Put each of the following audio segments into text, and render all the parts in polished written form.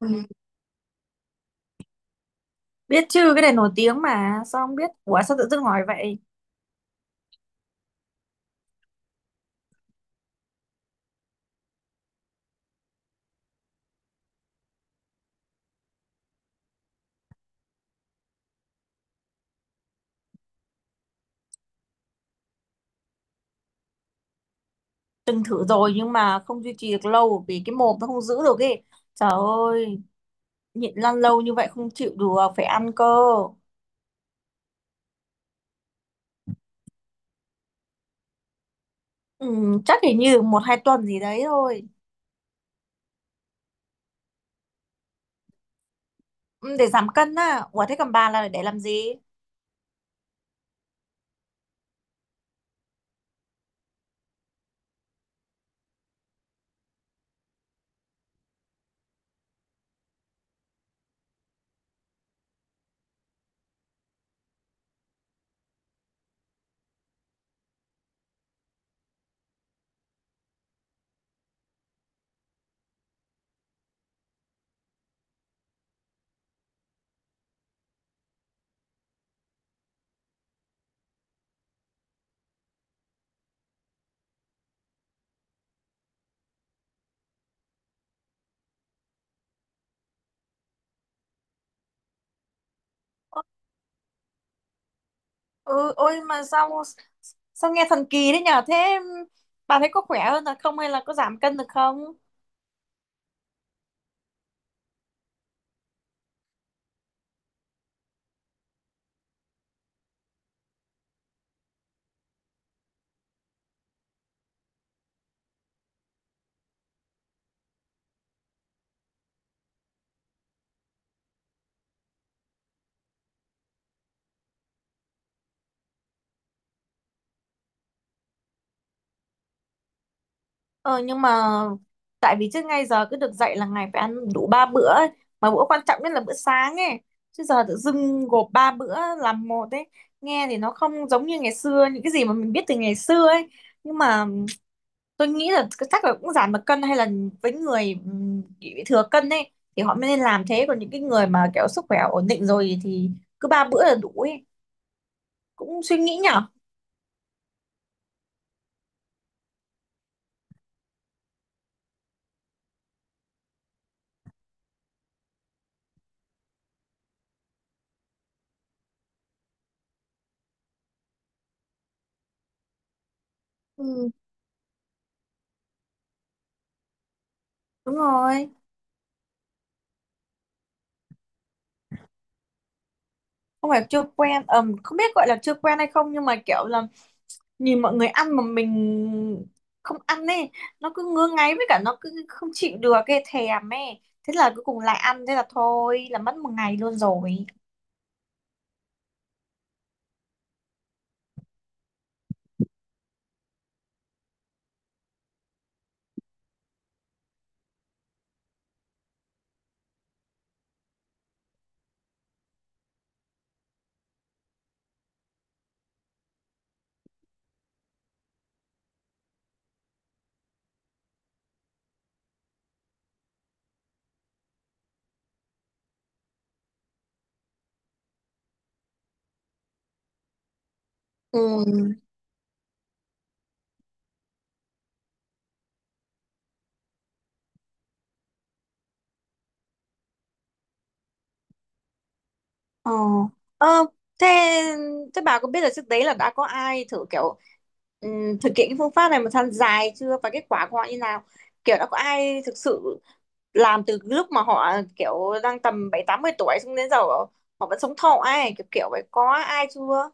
Ừ. Biết chứ, cái này nổi tiếng mà sao không biết. Ủa, sao tự dưng hỏi vậy? Từng thử rồi nhưng mà không duy trì được lâu. Vì cái mồm nó không giữ được ấy. Trời ơi, nhịn lăn lâu như vậy không chịu được. Phải ăn cơ. ừ, Chắc chỉ như một hai tuần gì đấy thôi. Ừ, để giảm cân á. Ủa thế còn bà là để làm gì? Ừ, ôi mà sao sao nghe thần kỳ đấy nhở. Thế bà thấy có khỏe hơn là không? Hay là có giảm cân được không? Ờ, nhưng mà tại vì trước ngay giờ cứ được dạy là ngày phải ăn đủ ba bữa ấy. Mà bữa quan trọng nhất là bữa sáng ấy. Chứ giờ tự dưng gộp ba bữa làm một ấy. Nghe thì nó không giống như ngày xưa, những cái gì mà mình biết từ ngày xưa ấy. Nhưng mà tôi nghĩ là chắc là cũng giảm được cân, hay là với người bị thừa cân ấy thì họ mới nên làm thế, còn những cái người mà kiểu sức khỏe ổn định rồi thì cứ ba bữa là đủ ấy. Cũng suy nghĩ nhở. Ừ, đúng rồi. Không phải chưa quen, không biết gọi là chưa quen hay không, nhưng mà kiểu là nhìn mọi người ăn mà mình không ăn ấy, nó cứ ngứa ngáy, với cả nó cứ không chịu được cái thèm ấy, thế là cuối cùng lại ăn, thế là thôi là mất một ngày luôn rồi. ừ ờ ờ thế thế bà có biết là trước đấy là đã có ai thử kiểu thực hiện cái phương pháp này một thời gian dài chưa và kết quả của họ như nào? Kiểu đã có ai thực sự làm từ lúc mà họ kiểu đang tầm 70 80 tuổi xong đến giờ họ vẫn sống thọ ấy, kiểu kiểu vậy, có ai chưa?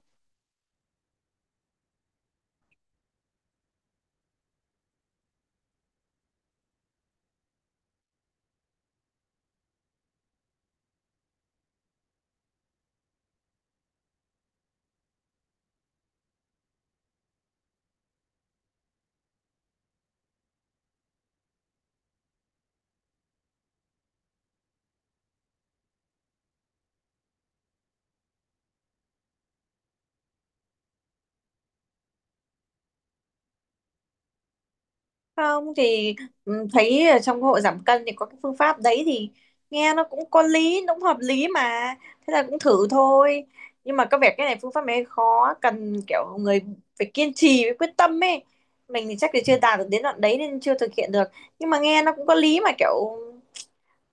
Không thì thấy ở trong hội giảm cân thì có cái phương pháp đấy thì nghe nó cũng có lý, nó cũng hợp lý mà, thế là cũng thử thôi. Nhưng mà có vẻ cái này phương pháp này khó, cần kiểu người phải kiên trì với quyết tâm ấy. Mình thì chắc thì chưa đạt được đến đoạn đấy nên chưa thực hiện được. Nhưng mà nghe nó cũng có lý mà kiểu,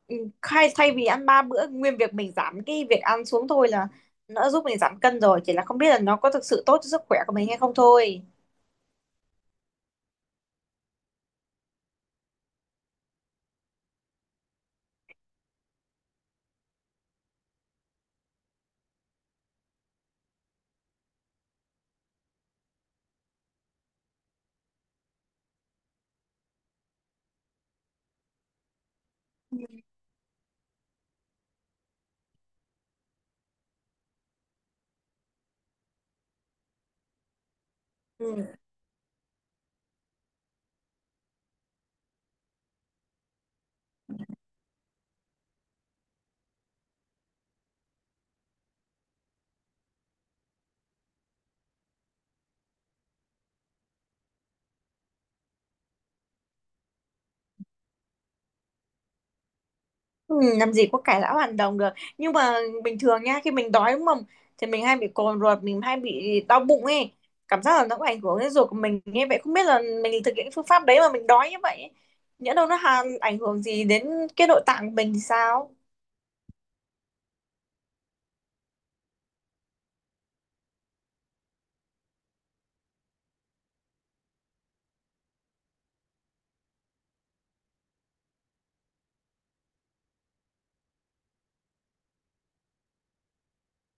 ừ, khai thay vì ăn ba bữa nguyên việc mình giảm cái việc ăn xuống thôi là nó giúp mình giảm cân rồi, chỉ là không biết là nó có thực sự tốt cho sức khỏe của mình hay không thôi. Ừ. Ừ, làm gì có cải lão hoàn đồng được. Nhưng mà bình thường nha, khi mình đói đúng không, thì mình hay bị cồn ruột, mình hay bị đau bụng ấy, cảm giác là nó cũng ảnh hưởng đến ruột của mình, nghe vậy không biết là mình thực hiện cái phương pháp đấy mà mình đói như vậy ấy, nhỡ đâu nó hàn ảnh hưởng gì đến cái nội tạng của mình thì sao?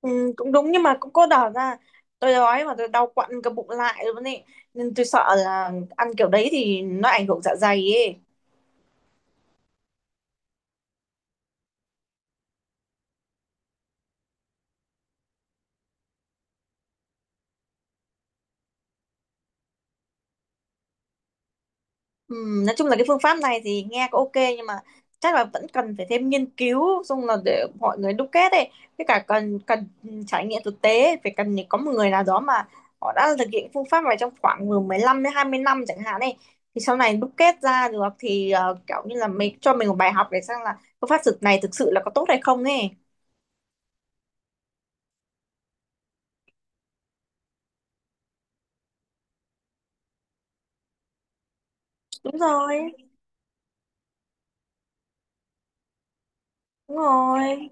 Ừ, cũng đúng, nhưng mà cũng có đỏ ra tôi đói mà tôi đau quặn cả bụng lại luôn ấy, nên tôi sợ là ăn kiểu đấy thì nó ảnh hưởng dạ dày ấy. Nói chung là cái phương pháp này thì nghe có ok nhưng mà chắc là vẫn cần phải thêm nghiên cứu xong là để mọi người đúc kết ấy, với cả cần cần trải nghiệm thực tế, phải cần có một người nào đó mà họ đã thực hiện phương pháp này trong khoảng từ 15 đến 20 năm chẳng hạn ấy, thì sau này đúc kết ra được thì kiểu như là mình cho mình một bài học để xem là phương pháp thực này thực sự là có tốt hay không ấy. Đúng rồi. Đúng rồi,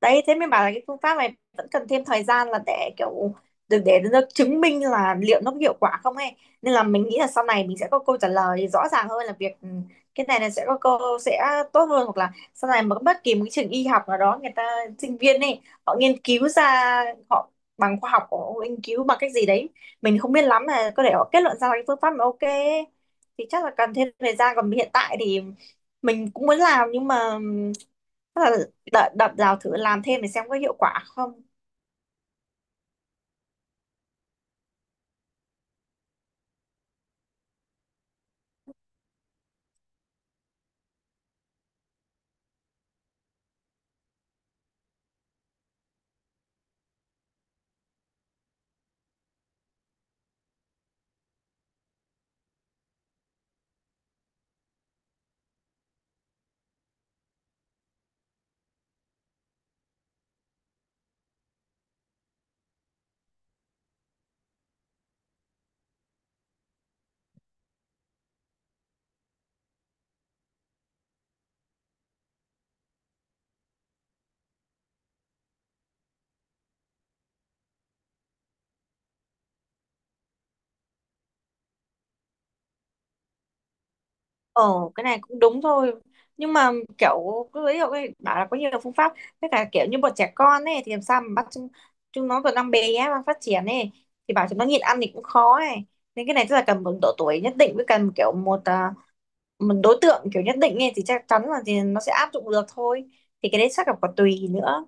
đấy thế mới bảo là cái phương pháp này vẫn cần thêm thời gian là để kiểu để nó chứng minh là liệu nó có hiệu quả không ấy, nên là mình nghĩ là sau này mình sẽ có câu trả lời rõ ràng hơn là việc ừ, cái này là sẽ có câu sẽ tốt hơn, hoặc là sau này mà bất kỳ một cái trường y học nào đó, người ta sinh viên ấy họ nghiên cứu ra, họ bằng khoa học của họ nghiên cứu bằng cách gì đấy mình không biết lắm, là có thể họ kết luận ra là cái phương pháp mà ok ấy. Thì chắc là cần thêm thời gian, còn hiện tại thì mình cũng muốn làm nhưng mà ừ, tức là đợi đập rào thử làm thêm để xem có hiệu quả không. Ờ, cái này cũng đúng thôi, nhưng mà kiểu cứ ví dụ ấy, bảo là có nhiều phương pháp, với cả kiểu như bọn trẻ con ấy thì làm sao mà bắt chúng nó còn đang bé, đang phát triển ấy, thì bảo chúng nó nhịn ăn thì cũng khó ấy, nên cái này tức là cần một độ tuổi nhất định, với cần kiểu một đối tượng kiểu nhất định ấy thì chắc chắn là thì nó sẽ áp dụng được thôi, thì cái đấy chắc là còn tùy nữa.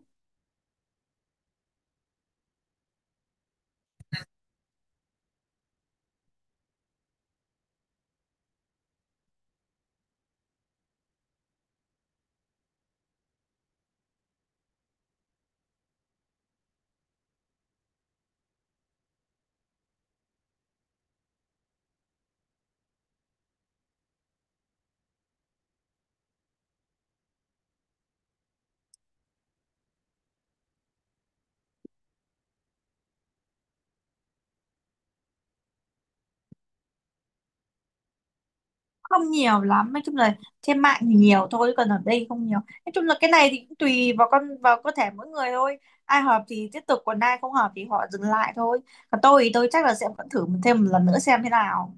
Không nhiều lắm, nói chung là trên mạng thì nhiều thôi, còn ở đây không nhiều. Nói chung là cái này thì cũng tùy vào con vào cơ thể mỗi người thôi, ai hợp thì tiếp tục, còn ai không hợp thì họ dừng lại thôi. Còn tôi thì tôi chắc là sẽ vẫn thử thêm một lần nữa xem thế nào.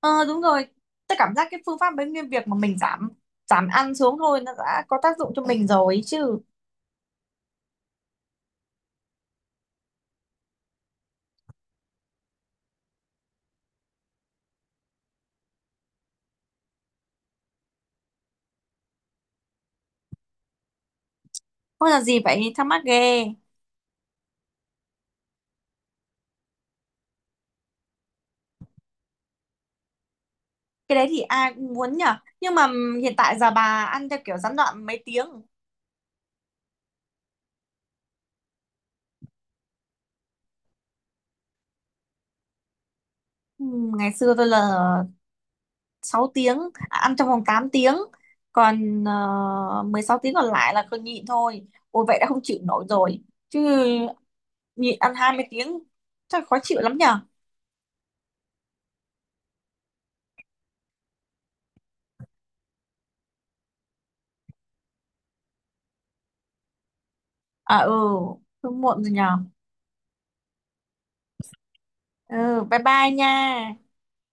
Ờ, đúng rồi, tôi cảm giác cái phương pháp bánh nguyên việc mà mình giảm giảm ăn xuống thôi nó đã có tác dụng cho mình rồi ấy chứ. Không, là gì vậy, thắc mắc ghê. Cái đấy thì ai cũng muốn nhở, nhưng mà hiện tại giờ bà ăn theo kiểu gián đoạn mấy tiếng? Ừ, ngày xưa tôi là 6 tiếng, ăn trong vòng 8 tiếng còn 16 tiếng còn lại là cứ nhịn thôi, ôi vậy đã không chịu nổi rồi chứ. Nhịn ăn 20 tiếng chắc khó chịu lắm nhở. À, ừ, hơi muộn rồi nhở. Ừ, bye bye nha.